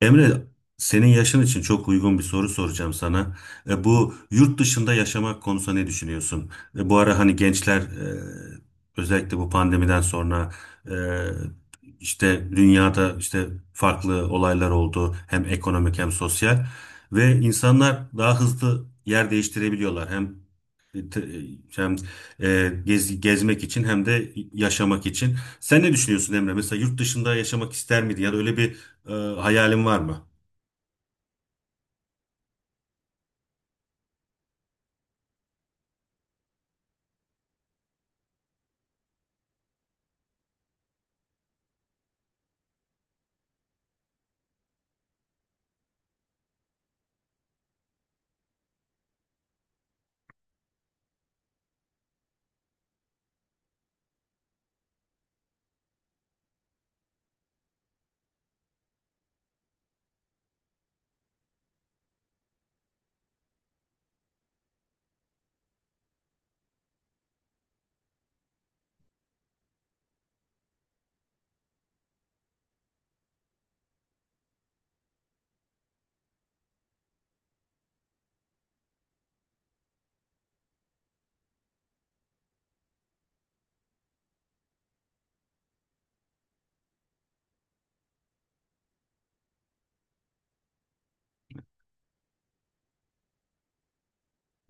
Emre, senin yaşın için çok uygun bir soru soracağım sana. Bu yurt dışında yaşamak konusunda ne düşünüyorsun? Bu ara hani gençler özellikle bu pandemiden sonra e, işte dünyada işte farklı olaylar oldu. Hem ekonomik hem sosyal ve insanlar daha hızlı yer değiştirebiliyorlar. Hem te- hem gezmek için hem de yaşamak için. Sen ne düşünüyorsun Emre? Mesela yurt dışında yaşamak ister miydin? Ya da öyle bir hayalin var mı?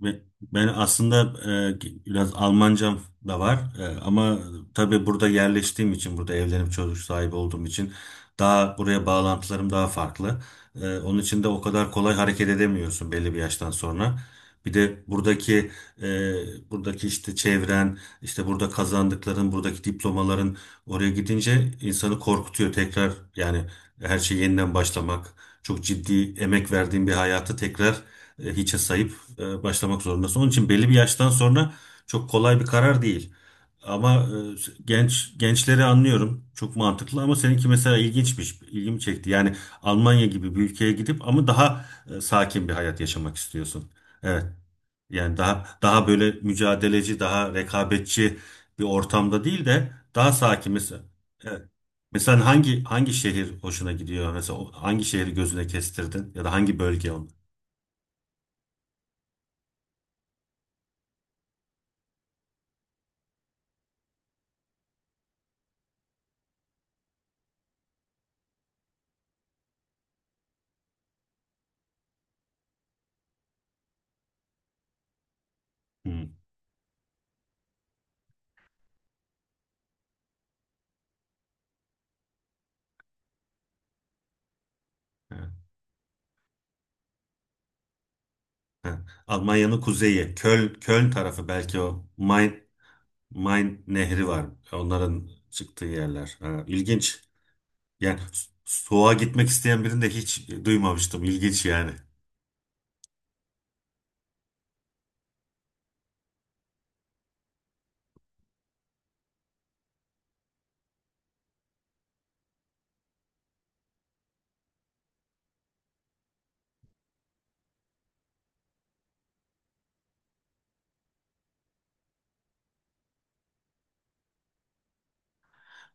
Ve ben aslında biraz Almancam da var. Ama tabii burada yerleştiğim için, burada evlenip çocuk sahibi olduğum için daha buraya bağlantılarım daha farklı. Onun için de o kadar kolay hareket edemiyorsun belli bir yaştan sonra. Bir de buradaki buradaki işte çevren, işte burada kazandıkların, buradaki diplomaların oraya gidince insanı korkutuyor tekrar yani her şey yeniden başlamak. Çok ciddi emek verdiğin bir hayatı tekrar hiçe sayıp başlamak zorundasın. Onun için belli bir yaştan sonra çok kolay bir karar değil. Ama gençleri anlıyorum. Çok mantıklı ama seninki mesela ilginçmiş. İlgimi çekti. Yani Almanya gibi bir ülkeye gidip ama daha sakin bir hayat yaşamak istiyorsun. Evet. Yani daha böyle mücadeleci, daha rekabetçi bir ortamda değil de daha sakin mesela. Evet. Mesela hangi şehir hoşuna gidiyor? Mesela hangi şehri gözüne kestirdin ya da hangi bölge onu? Hı. Ha, Almanya'nın kuzeyi, Köln tarafı belki o Main nehri var. Onların çıktığı yerler. Ha, ilginç. Yani soğuğa gitmek isteyen birini de hiç duymamıştım. İlginç yani.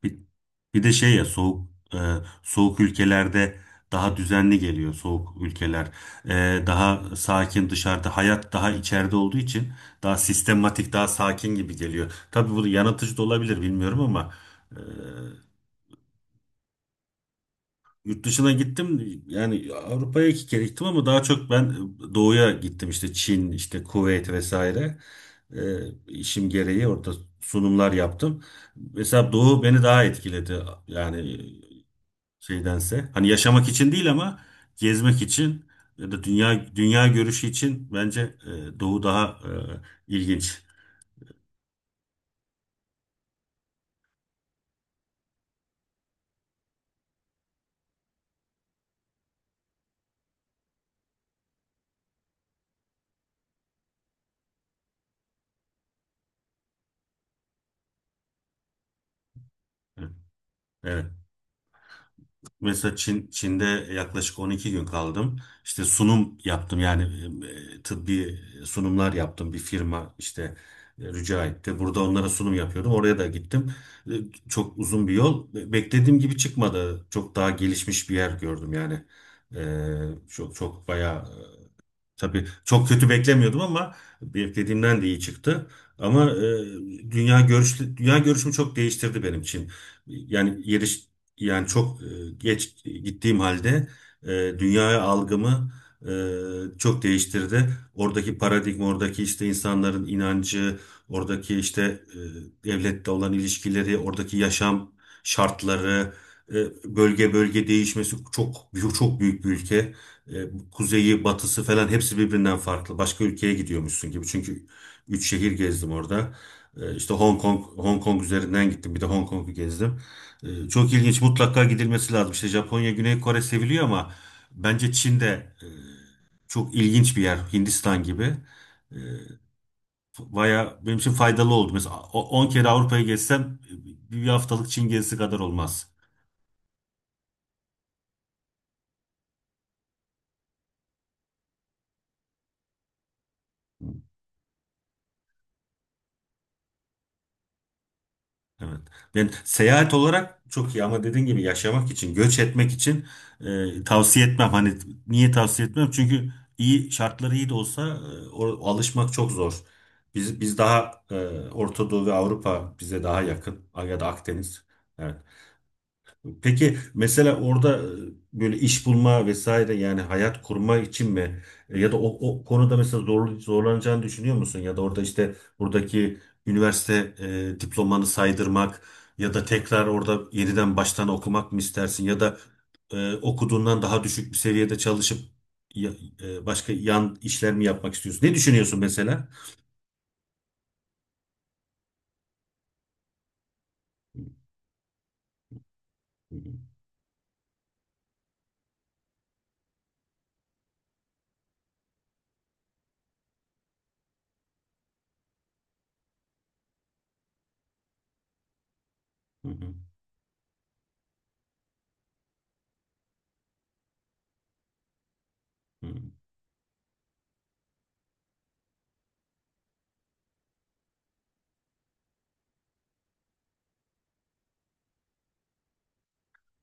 Bir, Bir de şey ya soğuk ülkelerde daha düzenli geliyor soğuk ülkeler. Daha sakin dışarıda hayat daha içeride olduğu için daha sistematik daha sakin gibi geliyor. Tabii bu yanıltıcı da olabilir bilmiyorum ama e, Yurt dışına gittim yani Avrupa'ya iki kere gittim ama daha çok ben doğuya gittim işte Çin işte Kuveyt vesaire. Ee, işim gereği orada sunumlar yaptım. Mesela Doğu beni daha etkiledi yani şeydense hani yaşamak için değil ama gezmek için ya da dünya görüşü için bence Doğu daha ilginç. Evet. Mesela Çin'de yaklaşık 12 gün kaldım. İşte sunum yaptım yani tıbbi sunumlar yaptım bir firma işte rica etti. Burada onlara sunum yapıyordum. Oraya da gittim. E, Çok uzun bir yol. Beklediğim gibi çıkmadı. Çok daha gelişmiş bir yer gördüm yani. E, çok çok bayağı Tabii çok kötü beklemiyordum ama beklediğimden de iyi çıktı. Ama dünya görüşümü çok değiştirdi benim için. Yani yeriş yani geç gittiğim halde e, dünyaya algımı çok değiştirdi. Oradaki paradigma, oradaki işte insanların inancı, oradaki işte devlette olan ilişkileri, oradaki yaşam şartları, e, bölge bölge değişmesi çok çok büyük bir ülke. Bu kuzeyi, batısı falan hepsi birbirinden farklı. Başka ülkeye gidiyormuşsun gibi. Çünkü üç şehir gezdim orada. İşte Hong Kong üzerinden gittim. Bir de Hong Kong'u gezdim. Çok ilginç. Mutlaka gidilmesi lazım. İşte Japonya, Güney Kore seviliyor ama bence Çin de çok ilginç bir yer. Hindistan gibi. E, Baya benim için faydalı oldu. Mesela 10 kere Avrupa'yı gezsem bir haftalık Çin gezisi kadar olmaz. Evet. Ben seyahat olarak çok iyi ama dediğin gibi yaşamak için, göç etmek için tavsiye etmem. Hani niye tavsiye etmem? Çünkü iyi şartları iyi de olsa alışmak çok zor. Biz daha Orta Doğu ve Avrupa bize daha yakın ya da Akdeniz. Yani peki mesela orada böyle iş bulma vesaire yani hayat kurma için mi? Ya da o konuda mesela zorlanacağını düşünüyor musun? Ya da orada işte buradaki üniversite diplomanı saydırmak ya da tekrar orada yeniden baştan okumak mı istersin? Ya da okuduğundan daha düşük bir seviyede çalışıp ya- başka yan işler mi yapmak istiyorsun? Ne düşünüyorsun mesela? Hı hı, hı hı, hı.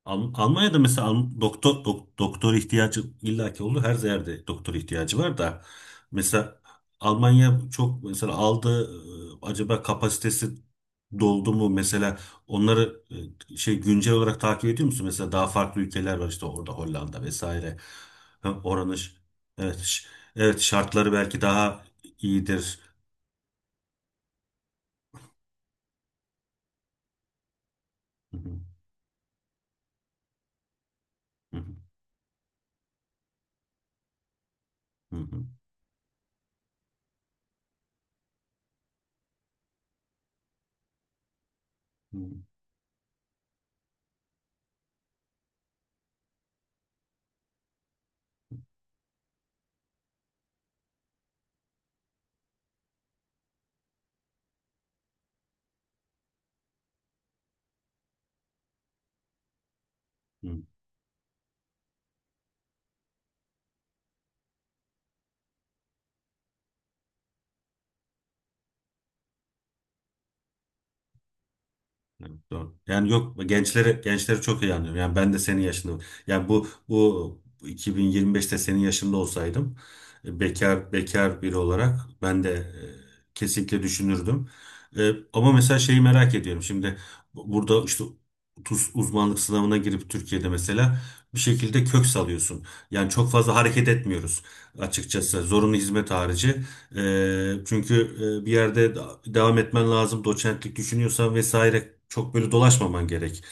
Almanya'da mesela doktor ihtiyacı illaki oldu. Her yerde doktor ihtiyacı var da mesela Almanya çok mesela aldı, acaba kapasitesi doldu mu mesela onları şey güncel olarak takip ediyor musun? Mesela daha farklı ülkeler var işte orada Hollanda vesaire. Ha, oranın evet ş- evet şartları belki daha iyidir. Hı hı, hı hı, hı hı, hı hı, hı hı. Evet, doğru. Yani yok gençleri çok iyi anlıyorum. Yani ben de senin yaşında. Yani bu 2025'te senin yaşında olsaydım bekar biri olarak ben de kesinlikle düşünürdüm. Ama mesela şeyi merak ediyorum. Şimdi burada işte tuz uzmanlık sınavına girip Türkiye'de mesela bir şekilde kök salıyorsun. Yani çok fazla hareket etmiyoruz açıkçası. Zorunlu hizmet harici, çünkü bir yerde devam etmen lazım. Doçentlik düşünüyorsan vesaire çok böyle dolaşmaman gerek.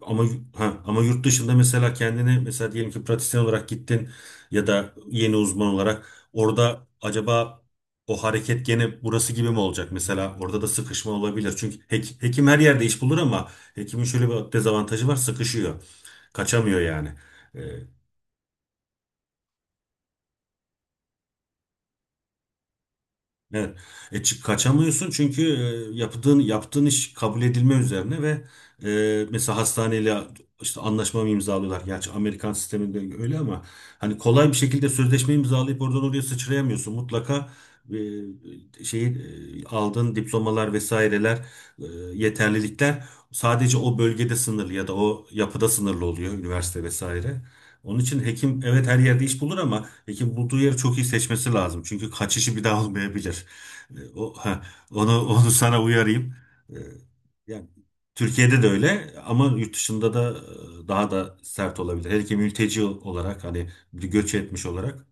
Ama ha, ama yurt dışında mesela kendini mesela diyelim ki pratisyen olarak gittin ya da yeni uzman olarak orada acaba o hareket gene burası gibi mi olacak? Mesela orada da sıkışma olabilir. Çünkü hekim her yerde iş bulur ama hekimin şöyle bir dezavantajı var, sıkışıyor. Kaçamıyor yani. Evet. E, çık Kaçamıyorsun çünkü yaptığın iş kabul edilme üzerine ve mesela hastaneyle işte anlaşma mı imzalıyorlar? Gerçi Amerikan sisteminde öyle ama hani kolay bir şekilde sözleşme imzalayıp oradan oraya sıçrayamıyorsun. Mutlaka e, şeyi aldığın diplomalar vesaireler, e, yeterlilikler sadece o bölgede sınırlı ya da o yapıda sınırlı oluyor, üniversite vesaire. Onun için hekim evet her yerde iş bulur ama peki bulduğu yeri çok iyi seçmesi lazım. Çünkü kaçışı bir daha olmayabilir. E, O, ha, Onu onu sana uyarayım. E, Yani Türkiye'de de öyle ama yurt dışında da daha da sert olabilir. Hele ki mülteci olarak hani bir göç etmiş olarak.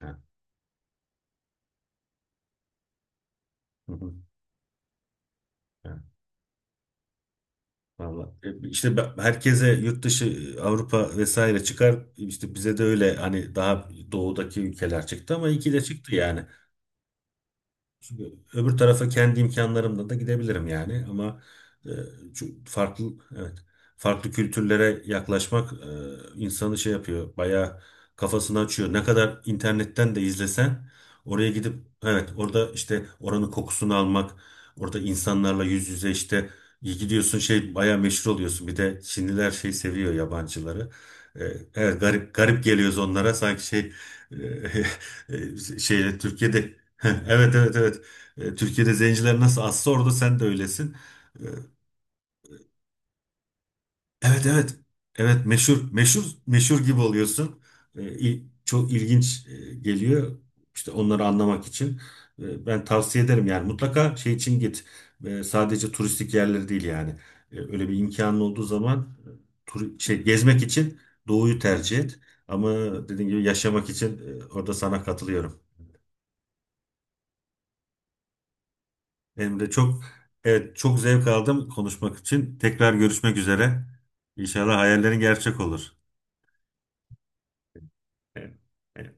Ha, hı hı, ha, vallahi. İşte herkese yurt dışı, Avrupa vesaire çıkar. İşte bize de öyle hani daha doğudaki ülkeler çıktı ama iyi ki de çıktı yani. Çünkü öbür tarafa kendi imkanlarımla da gidebilirim yani ama e, farklı evet farklı kültürlere yaklaşmak insanı şey yapıyor bayağı, kafasını açıyor. Ne kadar internetten de izlesen oraya gidip evet orada işte oranın kokusunu almak, orada insanlarla yüz yüze işte iyi gidiyorsun şey bayağı meşhur oluyorsun. Bir de Çinliler şey seviyor yabancıları. E, evet garip garip geliyoruz onlara sanki şey. e, şeyle Türkiye'de evet evet evet, Türkiye'de zenciler nasıl azsa orada sen de öylesin. E, Evet evet. Evet meşhur meşhur meşhur gibi oluyorsun. Çok ilginç geliyor. İşte onları anlamak için. Ben tavsiye ederim yani mutlaka şey için git. Sadece turistik yerleri değil yani. Öyle bir imkanın olduğu zaman şey gezmek için doğuyu tercih et. Ama dediğim gibi yaşamak için orada sana katılıyorum. Benim de çok, evet çok zevk aldım konuşmak için. Tekrar görüşmek üzere. İnşallah hayallerin gerçek olur. Evet.